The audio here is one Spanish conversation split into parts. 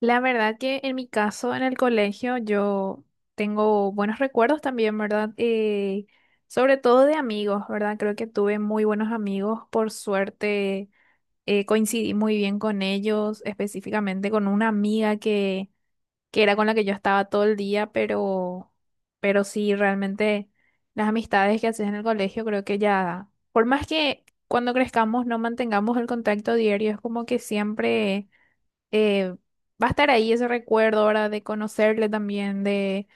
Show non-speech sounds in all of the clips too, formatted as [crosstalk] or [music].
La verdad que en mi caso, en el colegio, yo tengo buenos recuerdos también, ¿verdad? Sobre todo de amigos, ¿verdad? Creo que tuve muy buenos amigos. Por suerte, coincidí muy bien con ellos, específicamente con una amiga que era con la que yo estaba todo el día, pero sí, realmente las amistades que haces en el colegio, creo que ya, por más que cuando crezcamos no mantengamos el contacto diario, es como que siempre eh, va a estar ahí ese recuerdo ahora de conocerle también,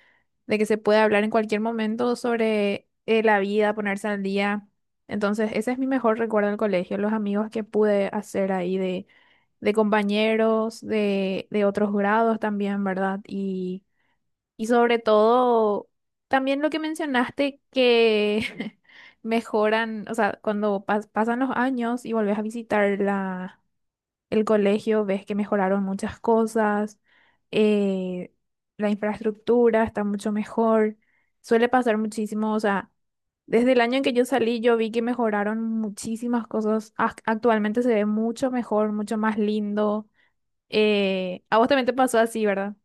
de que se puede hablar en cualquier momento sobre la vida, ponerse al día. Entonces, ese es mi mejor recuerdo del colegio, los amigos que pude hacer ahí de compañeros, de otros grados también, ¿verdad? Y sobre todo, también lo que mencionaste que [laughs] mejoran, o sea, cuando pasan los años y volvés a visitar la el colegio, ves que mejoraron muchas cosas, eh, la infraestructura está mucho mejor, suele pasar muchísimo, o sea, desde el año en que yo salí yo vi que mejoraron muchísimas cosas, actualmente se ve mucho mejor, mucho más lindo, a vos también te pasó así, ¿verdad?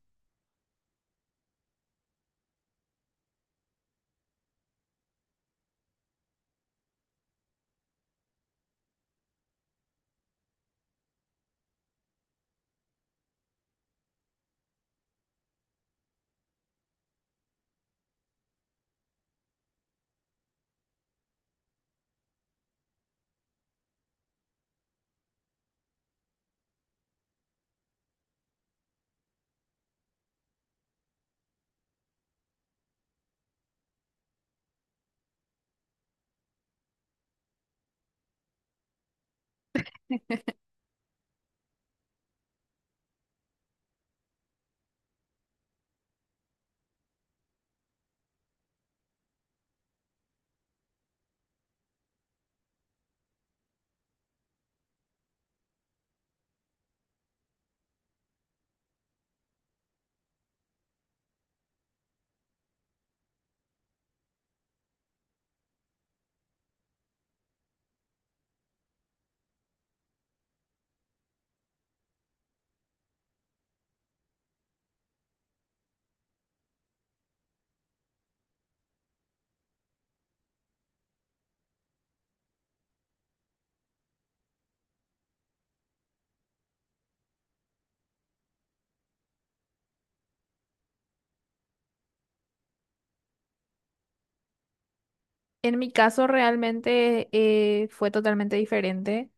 En mi caso realmente fue totalmente diferente.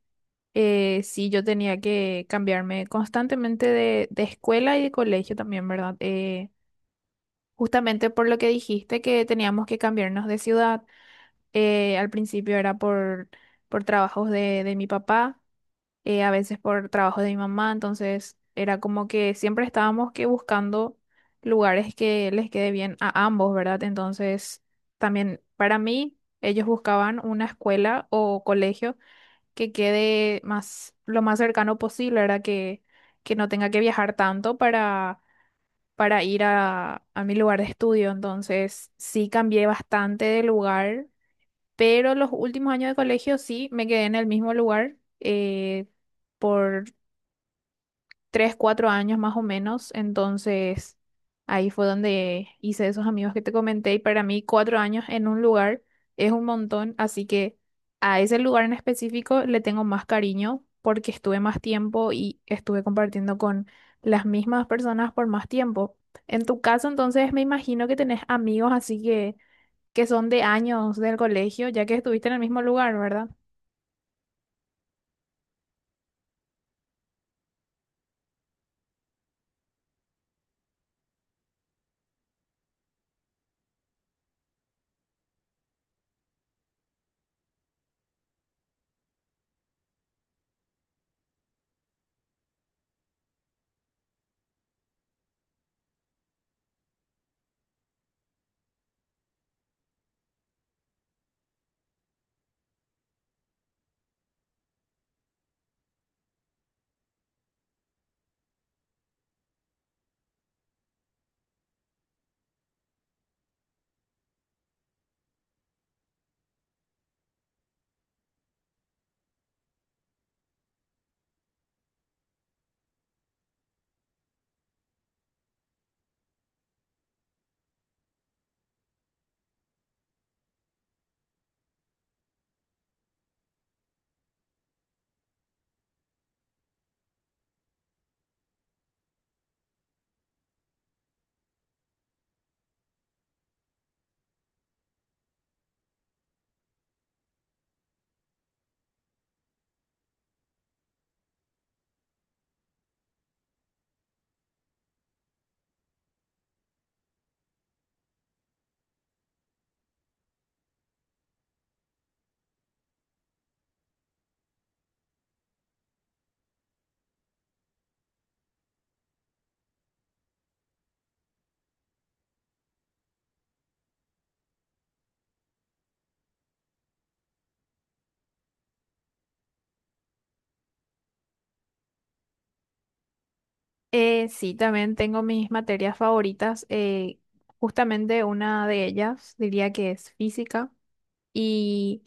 Sí, yo tenía que cambiarme constantemente de escuela y de colegio también, ¿verdad? Justamente por lo que dijiste que teníamos que cambiarnos de ciudad, al principio era por trabajos de mi papá, a veces por trabajo de mi mamá, entonces era como que siempre estábamos que buscando lugares que les quede bien a ambos, ¿verdad? Entonces, también para mí, ellos buscaban una escuela o colegio que quede más, lo más cercano posible, ¿verdad? Que no tenga que viajar tanto para ir a mi lugar de estudio. Entonces, sí cambié bastante de lugar, pero los últimos años de colegio sí me quedé en el mismo lugar por tres, cuatro años más o menos. Entonces, ahí fue donde hice esos amigos que te comenté. Y para mí, cuatro años en un lugar es un montón. Así que a ese lugar en específico le tengo más cariño porque estuve más tiempo y estuve compartiendo con las mismas personas por más tiempo. En tu caso, entonces, me imagino que tenés amigos así que son de años del colegio, ya que estuviste en el mismo lugar, ¿verdad? Sí, también tengo mis materias favoritas. Justamente una de ellas diría que es física. Y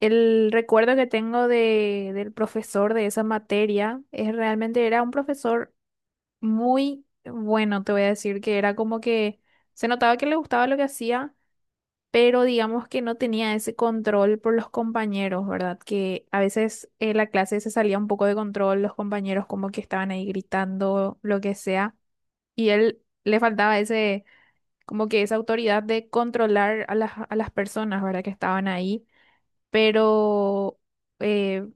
el recuerdo que tengo de, del profesor de esa materia es realmente era un profesor muy bueno, te voy a decir que era como que se notaba que le gustaba lo que hacía, pero digamos que no tenía ese control por los compañeros, ¿verdad? Que a veces la clase se salía un poco de control, los compañeros como que estaban ahí gritando, lo que sea. Y él le faltaba ese, como que esa autoridad de controlar a las personas, ¿verdad? Que estaban ahí. Pero eh,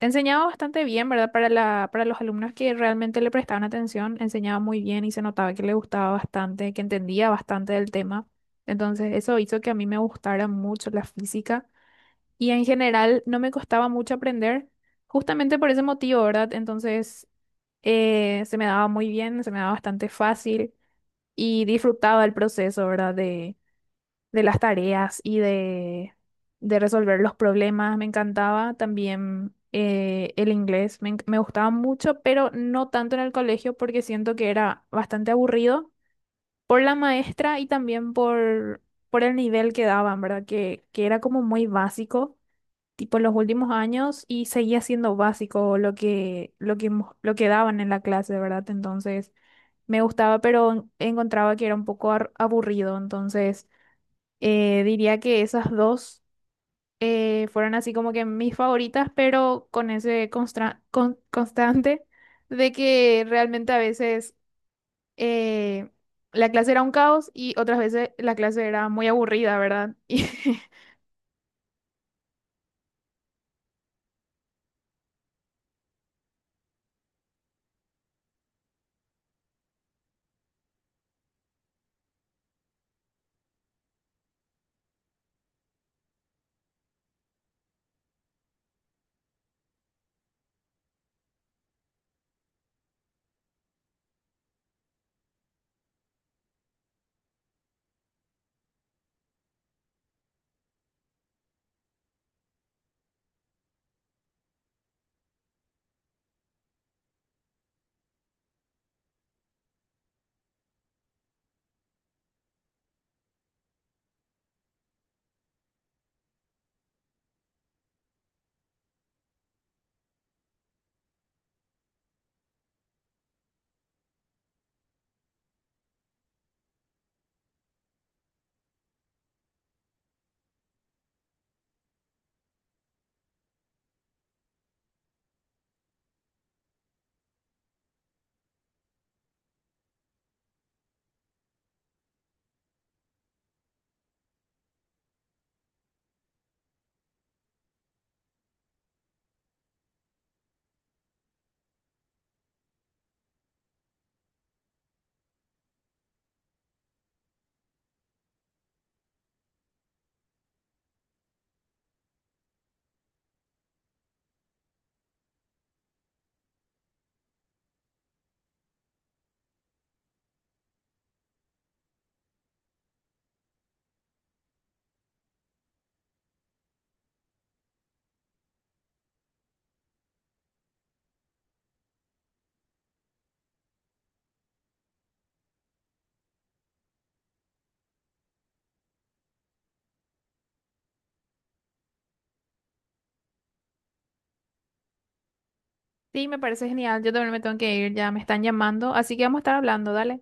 enseñaba bastante bien, ¿verdad? Para la, para los alumnos que realmente le prestaban atención, enseñaba muy bien y se notaba que le gustaba bastante, que entendía bastante del tema. Entonces, eso hizo que a mí me gustara mucho la física y en general no me costaba mucho aprender, justamente por ese motivo, ¿verdad? Entonces, se me daba muy bien, se me daba bastante fácil y disfrutaba el proceso, ¿verdad? De las tareas y de resolver los problemas. Me encantaba también el inglés, me gustaba mucho, pero no tanto en el colegio porque siento que era bastante aburrido por la maestra y también por el nivel que daban, ¿verdad? Que era como muy básico. Tipo en los últimos años y seguía siendo básico lo que, lo que, lo que daban en la clase, ¿verdad? Entonces, me gustaba, pero encontraba que era un poco aburrido. Entonces, diría que esas dos fueron así como que mis favoritas, pero con ese constante [laughs] de que realmente a veces eh, la clase era un caos y otras veces la clase era muy aburrida, ¿verdad? [laughs] Y sí, me parece genial. Yo también me tengo que ir, ya me están llamando. Así que vamos a estar hablando, dale.